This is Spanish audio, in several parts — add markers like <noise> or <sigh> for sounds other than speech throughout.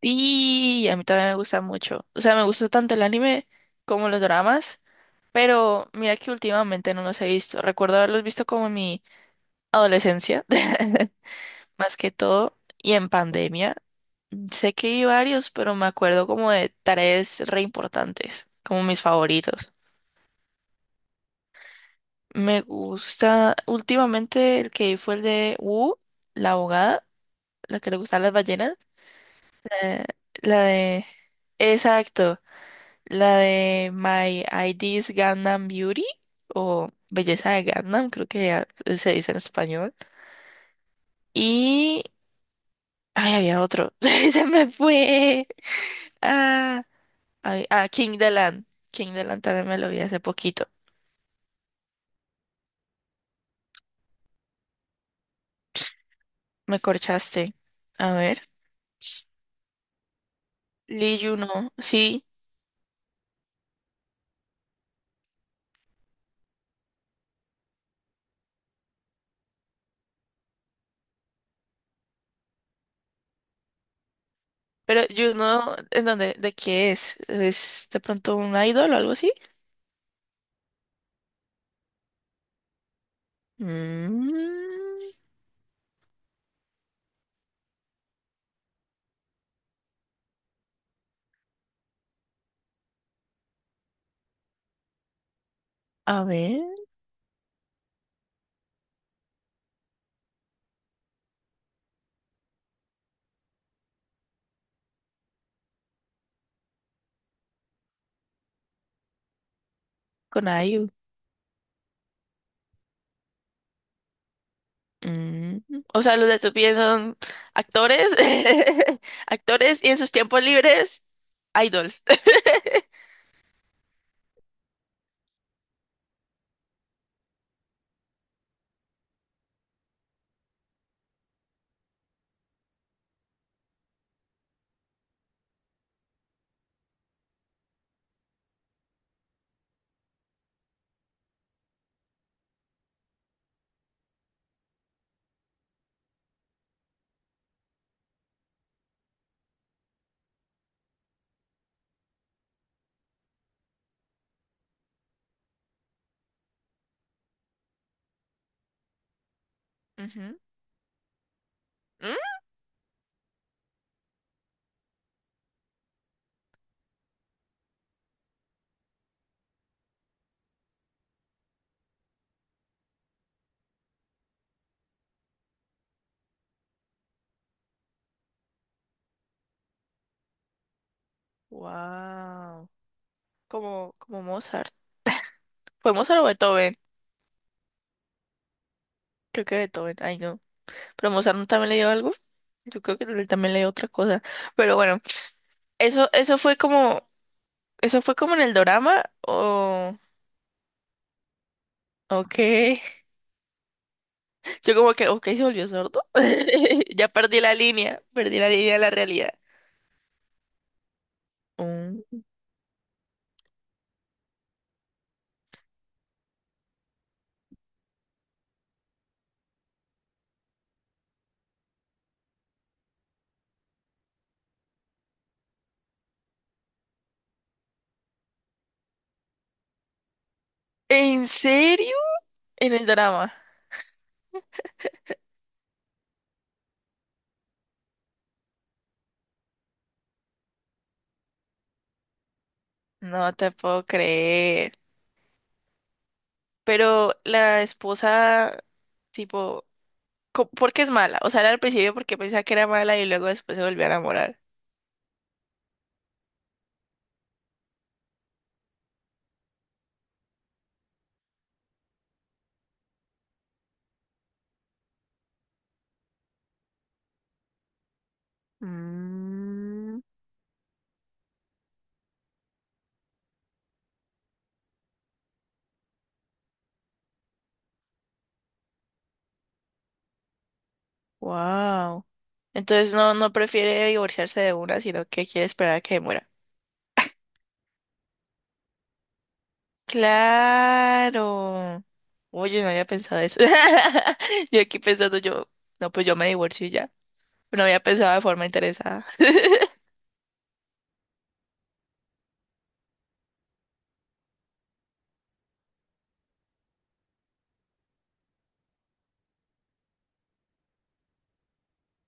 Y a mí también me gusta mucho. O sea, me gusta tanto el anime como los dramas, pero mira que últimamente no los he visto. Recuerdo haberlos visto como en mi adolescencia, <laughs> más que todo, y en pandemia. Sé que vi varios, pero me acuerdo como de tareas re importantes, como mis favoritos. Me gusta, últimamente el que vi fue el de Wu, la abogada, la que le gustan las ballenas, eh, la de... Exacto. La de My ID is Gangnam Beauty o Belleza de Gangnam, creo que ya se dice en español. Y... Ay, había otro. <laughs> Se me fue. Ah, ay, ah, King the Land. King the Land también me lo vi hace poquito. Me corchaste. A ver. Lee Juno, sí. Pero Juno, ¿en dónde? ¿De qué es? ¿Es de pronto un idol o algo así? Mm, a ver, con IU. Mm, o sea, los de tu pie son actores, <laughs> actores y en sus tiempos libres, idols. <laughs> Ujú. ¿Mm? Wow. Como, como Mozart. ¿Fue Mozart o Beethoven? Creo que Beethoven, ay no. Pero Mozart no también le dio algo. Yo creo que él también le dio otra cosa. Pero bueno, eso fue como, eso fue como en el dorama o. Ok, yo como que, ok, se volvió sordo. <laughs> Ya perdí la línea de la realidad. Mm. ¿En serio? En el drama. No te puedo creer. Pero la esposa, tipo, ¿por qué es mala? O sea, era al principio porque pensaba que era mala y luego después se volvió a enamorar. Mm, wow. Entonces no, no prefiere divorciarse de una, sino que quiere esperar a que muera. Claro. Oye, no había pensado eso. <laughs> Yo aquí pensando yo, no, pues yo me divorcio y ya. No había pensado de forma interesada. <laughs>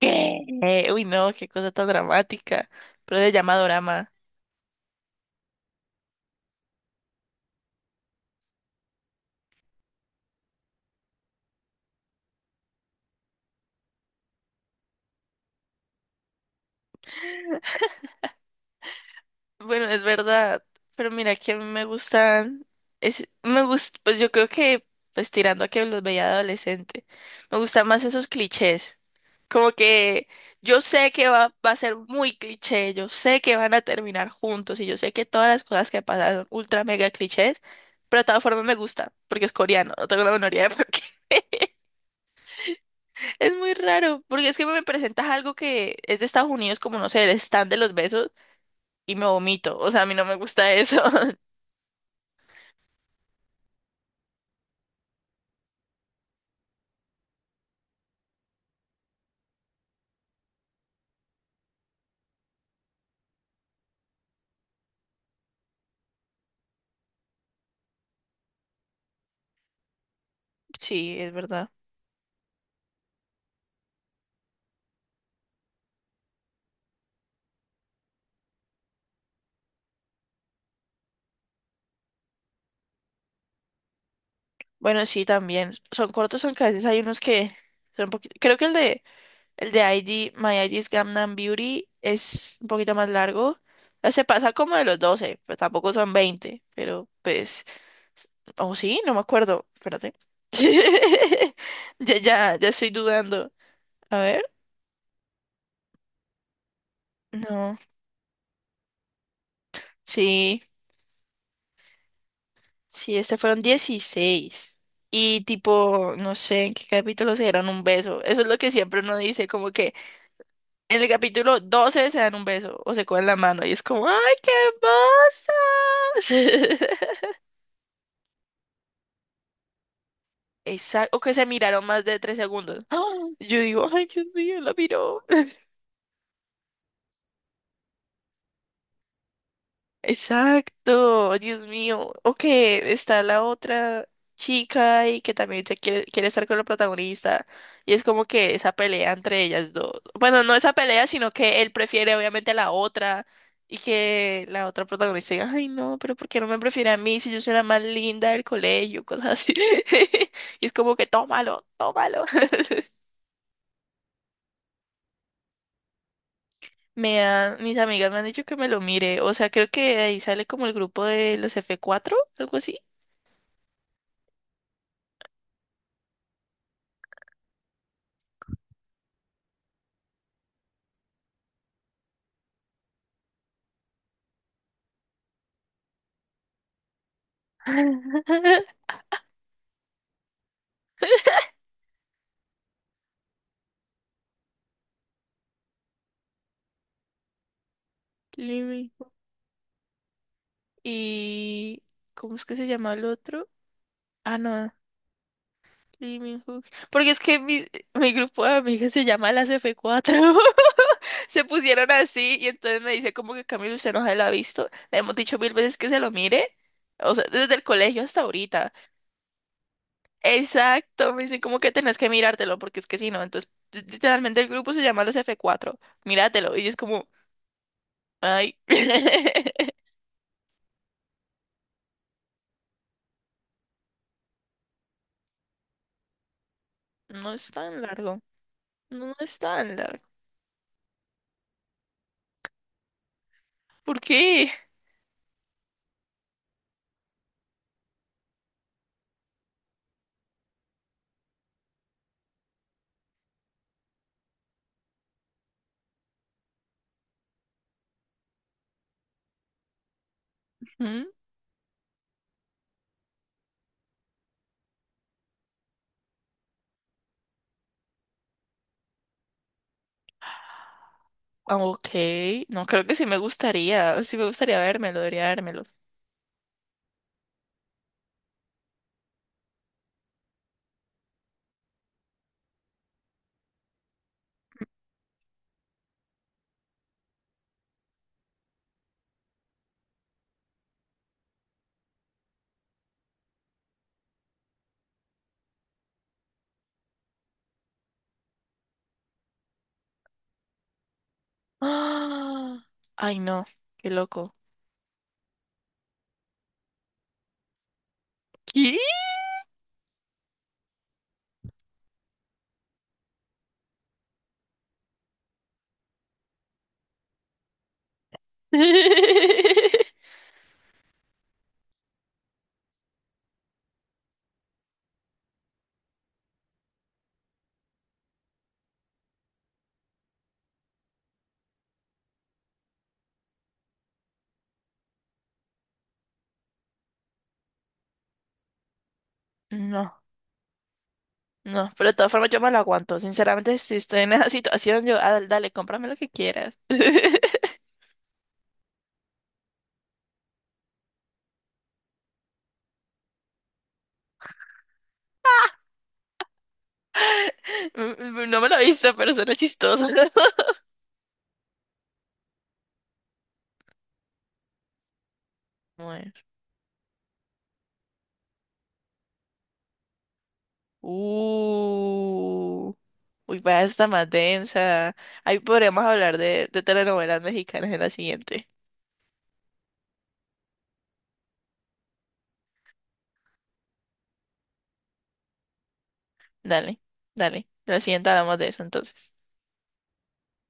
¿Qué? Uy, no, qué cosa tan dramática. Pero se llama dorama. Bueno, es verdad, pero mira que a mí me gustan, es, pues yo creo que, pues tirando a que los veía de adolescente, me gustan más esos clichés, como que yo sé que va a ser muy cliché, yo sé que van a terminar juntos y yo sé que todas las cosas que pasan son ultra mega clichés, pero de todas formas me gusta, porque es coreano, no tengo la menor idea de por qué. <laughs> Es muy raro, porque es que me presentas algo que es de Estados Unidos, como no sé, el stand de los besos, y me vomito, o sea, a mí no me gusta eso. Sí, es verdad. Bueno, sí, también. Son cortos, aunque a veces hay unos que son un poquito. Creo que el de ID, My ID is Gangnam Beauty es un poquito más largo. Se pasa como de los 12 pues tampoco son 20 pero pues. O sí, no me acuerdo. Espérate. <laughs> Ya estoy dudando. A ver. No. Sí, sí, este fueron 16. Y tipo, no sé en qué capítulo se dieron un beso. Eso es lo que siempre uno dice, como que en el capítulo 12 se dan un beso o se cogen la mano y es como, ¡ay, qué hermosa! <laughs> Exacto, o que se miraron más de 3 segundos. <gasps> ¡Ah! Yo digo, ¡ay, Dios mío, la miró! Exacto, Dios mío. O que está la otra chica y que también se quiere estar con la protagonista. Y es como que esa pelea entre ellas dos. Bueno, no esa pelea, sino que él prefiere obviamente a la otra. Y que la otra protagonista diga, ay no, pero ¿por qué no me prefiere a mí si yo soy la más linda del colegio? Cosas así. <laughs> Y es como que tómalo, tómalo. <laughs> Mis amigas me han dicho que me lo mire. O sea, creo que de ahí sale como el grupo de los F4, algo así. <laughs> Lee Min-ho. Y ¿cómo es que se llama el otro? Ah, no, Lee Min-ho. Porque es que mi grupo de amigas se llama las F4. <laughs> Se pusieron así y entonces me dice como que Camilo usted no se lo ha visto. Le hemos dicho 1000 veces que se lo mire. O sea, desde el colegio hasta ahorita. Exacto, me dicen como que tenés que mirártelo porque es que si no, entonces literalmente el grupo se llama las F4. Míratelo. Y es como, ay, <laughs> no es tan largo. No es tan largo. ¿Por qué? ¿Mm? Ah, ok, no, creo que sí me gustaría vérmelo, debería vérmelo. ¡Ah! Ay, no, qué loco. ¿Qué? <laughs> No, no, pero de todas formas yo me lo aguanto. Sinceramente, si estoy en esa <laughs> situación, yo, ah, dale, cómprame lo que quieras. <laughs> Mm, no me lo he visto, pero suena chistoso. <laughs> Bueno. Uh, uy, vaya, está más densa. Ahí podríamos hablar de telenovelas mexicanas en la siguiente. Dale, dale. La siguiente hablamos de eso entonces.